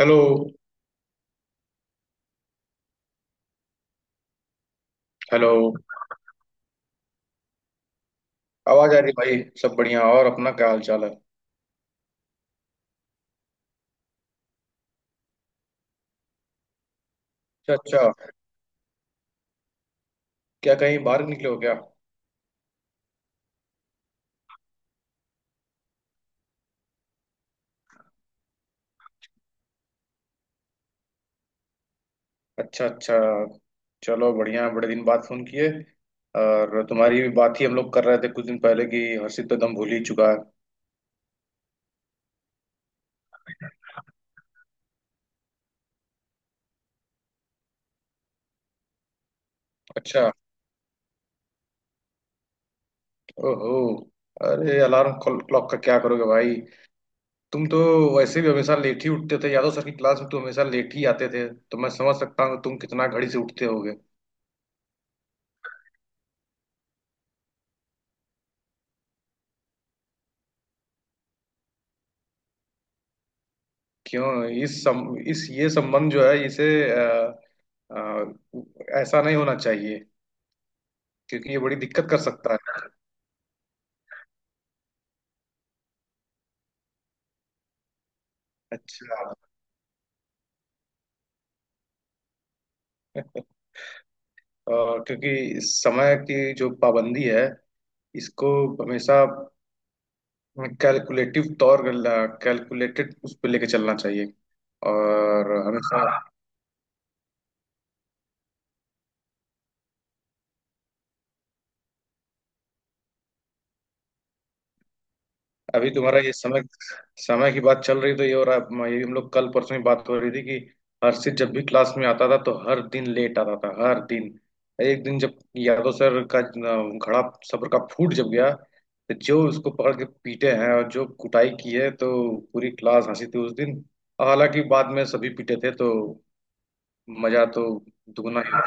Hello. Hello. आवाज आ रही भाई। सब बढ़िया, और अपना क्या हाल चाल है? अच्छा अच्छा। क्या कहीं बाहर निकले हो क्या? अच्छा अच्छा। चलो बढ़िया, बड़े दिन बाद फोन किए। और तुम्हारी भी बात ही हम लोग कर रहे थे कुछ दिन पहले कि हर्षित तो दम भूल ही चुका है। अच्छा। ओहो। अरे अलार्म क्लॉक का क्या करोगे भाई? तुम तो वैसे भी हमेशा लेट ही उठते थे, यादव सर की क्लास में तुम हमेशा लेट ही आते थे, तो मैं समझ सकता हूँ कि तुम कितना घड़ी से उठते होगे। क्यों इस सम, इस ये संबंध जो है इसे, आ, ऐसा नहीं होना चाहिए, क्योंकि ये बड़ी दिक्कत कर सकता है। अच्छा। आ, क्योंकि समय की जो पाबंदी है इसको हमेशा कैलकुलेटिव तौर कैलकुलेटेड उस पर लेके चलना चाहिए, और हमेशा। अभी तुम्हारा ये समय, समय की बात चल रही तो ये हो रहा है। ये हम लोग कल परसों ही बात हो रही थी कि हर्षित जब भी क्लास में आता था तो हर दिन लेट आता था, हर दिन। एक दिन जब यादव सर का घड़ा सब्र का फूट जब गया, तो जो उसको पकड़ के पीटे हैं और जो कुटाई की है, तो पूरी क्लास हंसी थी उस दिन। और हालांकि बाद में सभी पीटे थे, तो मजा तो दुगना ही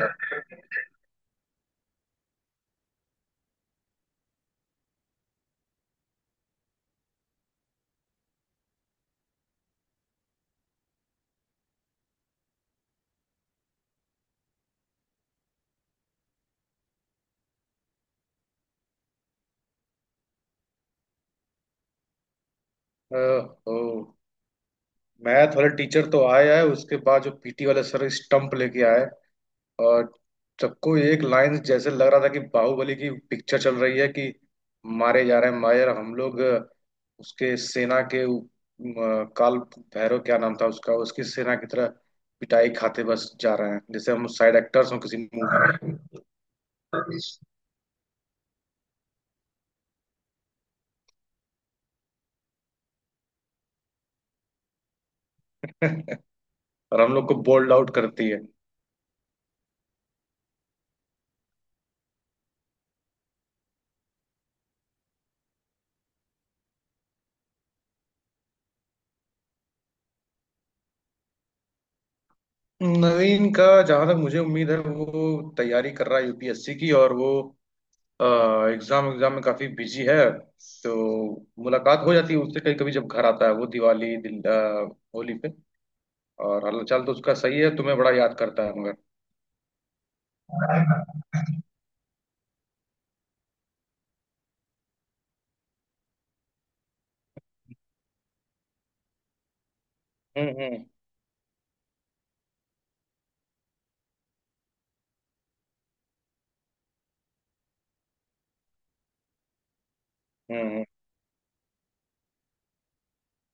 था। मैथ वाले टीचर तो आया है, उसके बाद जो पीटी वाले सर स्टंप लेके आए। और सबको एक लाइन जैसे लग रहा था कि बाहुबली की पिक्चर चल रही है, कि मारे जा रहे हैं। मायर हम लोग उसके सेना के काल भैरव क्या नाम था उसका, उसकी सेना की तरह पिटाई खाते बस जा रहे हैं, जैसे हम साइड एक्टर्स हों किसी मूवी में। और हम लोग को बोल्ड आउट करती है। नवीन का, जहां तक मुझे उम्मीद है, वो तैयारी कर रहा है यूपीएससी की, और वो एग्जाम एग्जाम में काफी बिजी है। तो मुलाकात हो जाती है उससे कभी कभी जब घर आता है वो, दिवाली होली पे। और हालचाल तो उसका सही है, तुम्हें बड़ा याद करता है मगर। हम्म। हम्म हम्म।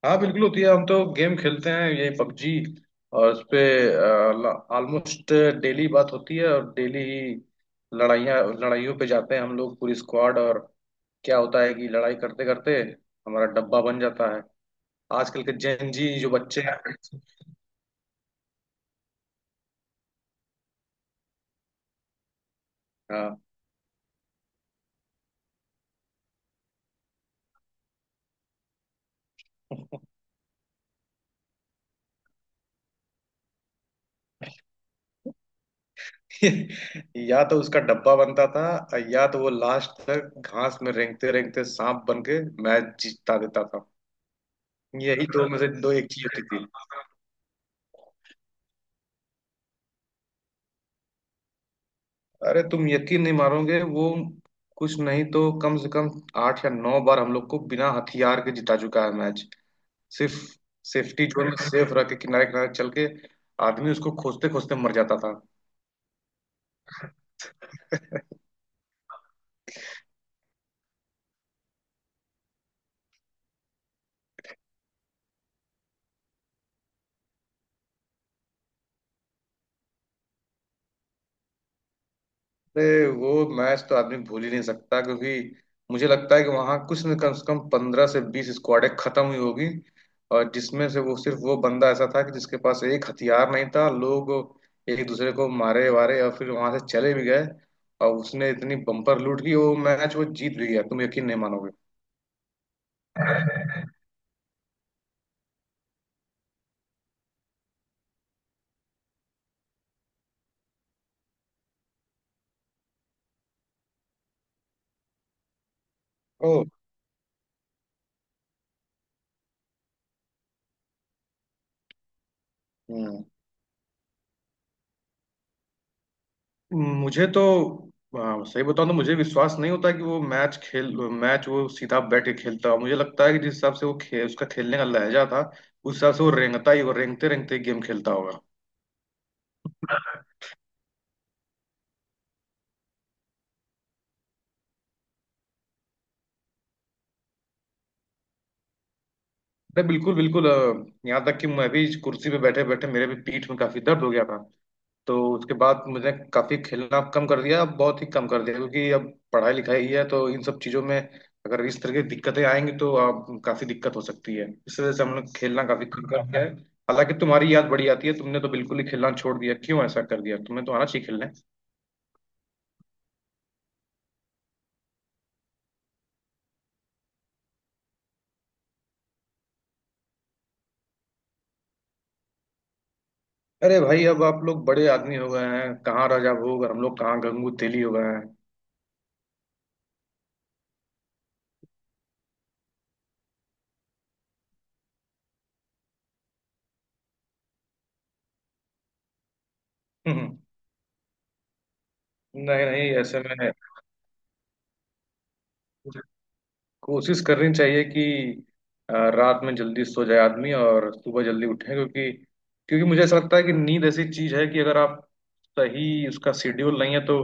हाँ बिल्कुल होती है। हम तो गेम खेलते हैं, यही पबजी, और उस पे ऑलमोस्ट डेली बात होती है, और डेली ही लड़ाइयाँ लड़ाइयों पे जाते हैं हम लोग, पूरी स्क्वाड। और क्या होता है कि लड़ाई करते करते हमारा डब्बा बन जाता है, आजकल के जेन जी जो बच्चे हैं। हाँ। या तो उसका डब्बा बनता था, या तो वो लास्ट तक घास में रेंगते रेंगते सांप बन के मैच जीता देता था। यही दो में से दो एक चीज होती थी। अरे तुम यकीन नहीं मारोगे, वो कुछ नहीं तो कम से कम 8 या 9 बार हम लोग को बिना हथियार के जिता चुका है मैच, सिर्फ सेफ्टी जोन में सेफ रह के, किनारे किनारे चल के। आदमी उसको खोजते खोजते मर जाता था। अरे वो मैच तो आदमी भूल ही नहीं सकता, क्योंकि मुझे लगता है कि वहां कुछ न कम से कम 15 से 20 स्क्वाडें खत्म हुई होगी। और जिसमें से वो, सिर्फ वो बंदा ऐसा था कि जिसके पास एक हथियार नहीं था। लोग एक दूसरे को मारे वारे और फिर वहां से चले भी गए, और उसने इतनी बम्पर लूट की वो मैच वो जीत भी गया, तुम यकीन नहीं मानोगे। ओ। मुझे तो सही बताऊं तो मुझे विश्वास नहीं होता कि वो मैच खेल मैच वो सीधा बैठ के खेलता है। मुझे लगता है कि जिस हिसाब से वो उसका खेलने का लहजा था, उस हिसाब से वो रेंगता ही, वो रेंगते रेंगते गेम खेलता होगा। अरे बिल्कुल बिल्कुल। यहाँ तक कि मैं भी कुर्सी पे बैठे बैठे, मेरे भी पीठ में काफी दर्द हो गया था। तो उसके बाद मुझे काफी खेलना कम कर दिया, बहुत ही कम कर दिया, क्योंकि अब पढ़ाई लिखाई है, तो इन सब चीजों में अगर इस तरह की दिक्कतें आएंगी तो आप काफी दिक्कत हो सकती है, इस वजह से हम लोग खेलना काफी कम कर दिया है। हालांकि तुम्हारी याद बड़ी आती है, तुमने तो बिल्कुल ही खेलना छोड़ दिया, क्यों ऐसा कर दिया? तुम्हें तो आना चाहिए खेलने। अरे भाई, अब आप लोग बड़े आदमी हो गए हैं, कहाँ राजा भोग और हम लोग कहाँ गंगू तेली हो गए हैं। नहीं नहीं, ऐसे में कोशिश करनी चाहिए कि रात में जल्दी सो जाए आदमी और सुबह जल्दी उठे, क्योंकि क्योंकि मुझे ऐसा लगता है कि नींद ऐसी चीज है कि अगर आप, सही उसका शेड्यूल नहीं है तो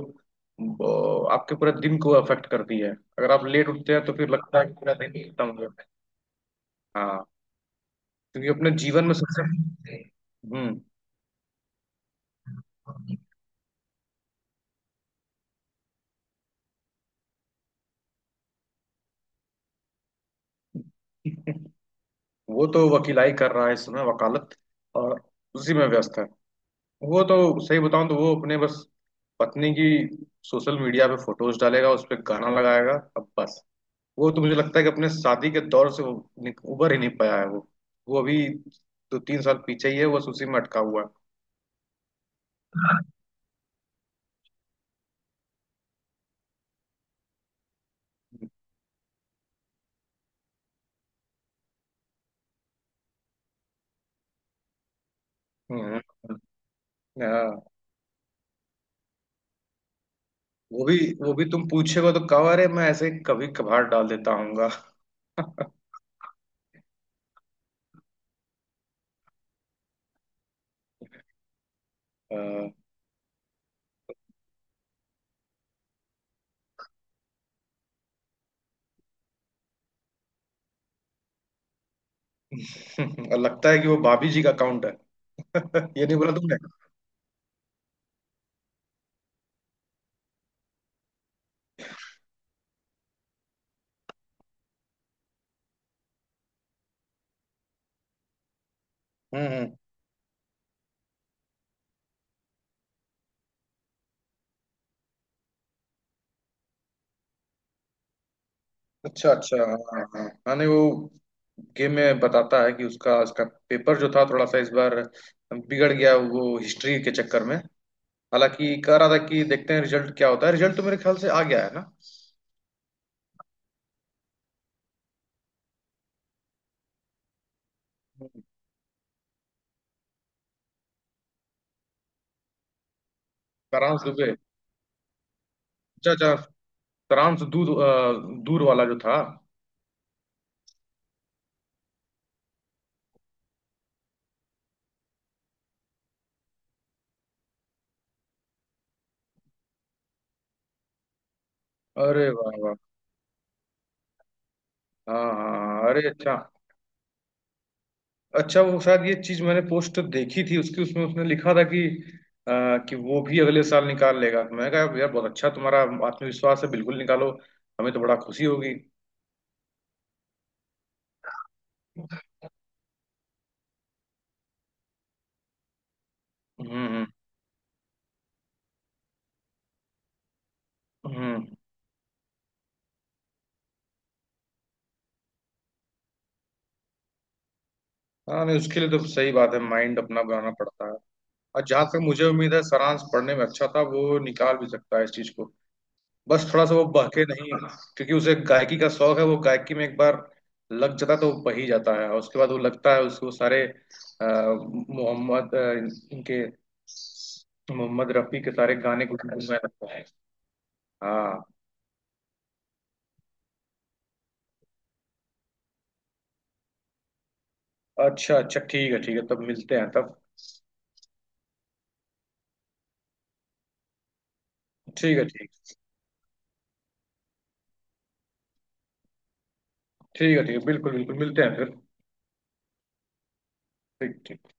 आपके पूरे दिन को अफेक्ट करती है। अगर आप लेट उठते हैं तो फिर लगता है कि पूरा दिन खत्म हो गया। हाँ। क्योंकि अपने जीवन में सबसे वो तो वकीलाई कर रहा है इस समय, वकालत, और उसी में व्यस्त है। वो तो, सही बताऊं तो, वो अपने बस पत्नी की सोशल मीडिया पे फोटोज डालेगा, उस पर गाना लगाएगा, अब बस। वो तो मुझे लगता है कि अपने शादी के दौर से वो उबर ही नहीं पाया है वो। वो अभी 2-3 साल पीछे ही है, वो उसी में अटका हुआ है। हम्म, हाँ। वो भी तुम पूछेगा तो कहा, अरे मैं ऐसे ही कभी कभार डाल देता हूँगा। और लगता है कि वो भाभी जी का अकाउंट है। ये नहीं बोला तुमने? हम्म। अच्छा अच्छा, हाँ हाँ हाँ, नहीं वो गेम में बताता है कि उसका उसका पेपर जो था थोड़ा सा इस बार बिगड़ गया, वो हिस्ट्री के चक्कर में। हालांकि कह रहा था कि देखते हैं रिजल्ट क्या होता है, रिजल्ट तो मेरे ख्याल से आ गया है ना। हम्म। फ्रांस दुबे। अच्छा अच्छा। फ्रांस दूर वाला जो था। अरे वाह वाह। हाँ हाँ हाँ, अरे अच्छा। अच्छा, वो शायद ये चीज मैंने पोस्ट देखी थी उसकी, उसमें उसने लिखा था कि कि वो भी अगले साल निकाल लेगा, तो मैंने कहा यार बहुत अच्छा, तुम्हारा आत्मविश्वास है, बिल्कुल निकालो, हमें तो बड़ा खुशी होगी। हम्म। हम्म। हाँ, नहीं उसके लिए तो सही बात है, माइंड अपना बनाना पड़ता है। और जहां तक मुझे उम्मीद है, सारांश पढ़ने में अच्छा था, वो निकाल भी सकता है इस चीज को, बस थोड़ा सा वो बहके नहीं। क्योंकि उसे गायकी का शौक है, वो गायकी में एक बार लग जाता है तो वो बह ही जाता है, और उसके बाद वो, लगता है उसको सारे मोहम्मद अ, इनके मोहम्मद रफी के सारे गाने को गूंजने लगता है। हाँ। अच्छा अच्छा, ठीक है ठीक है, तब मिलते हैं तब। ठीक है। ठीक ठीक है। ठीक है, बिल्कुल बिल्कुल, मिलते हैं फिर। ठीक ठीक।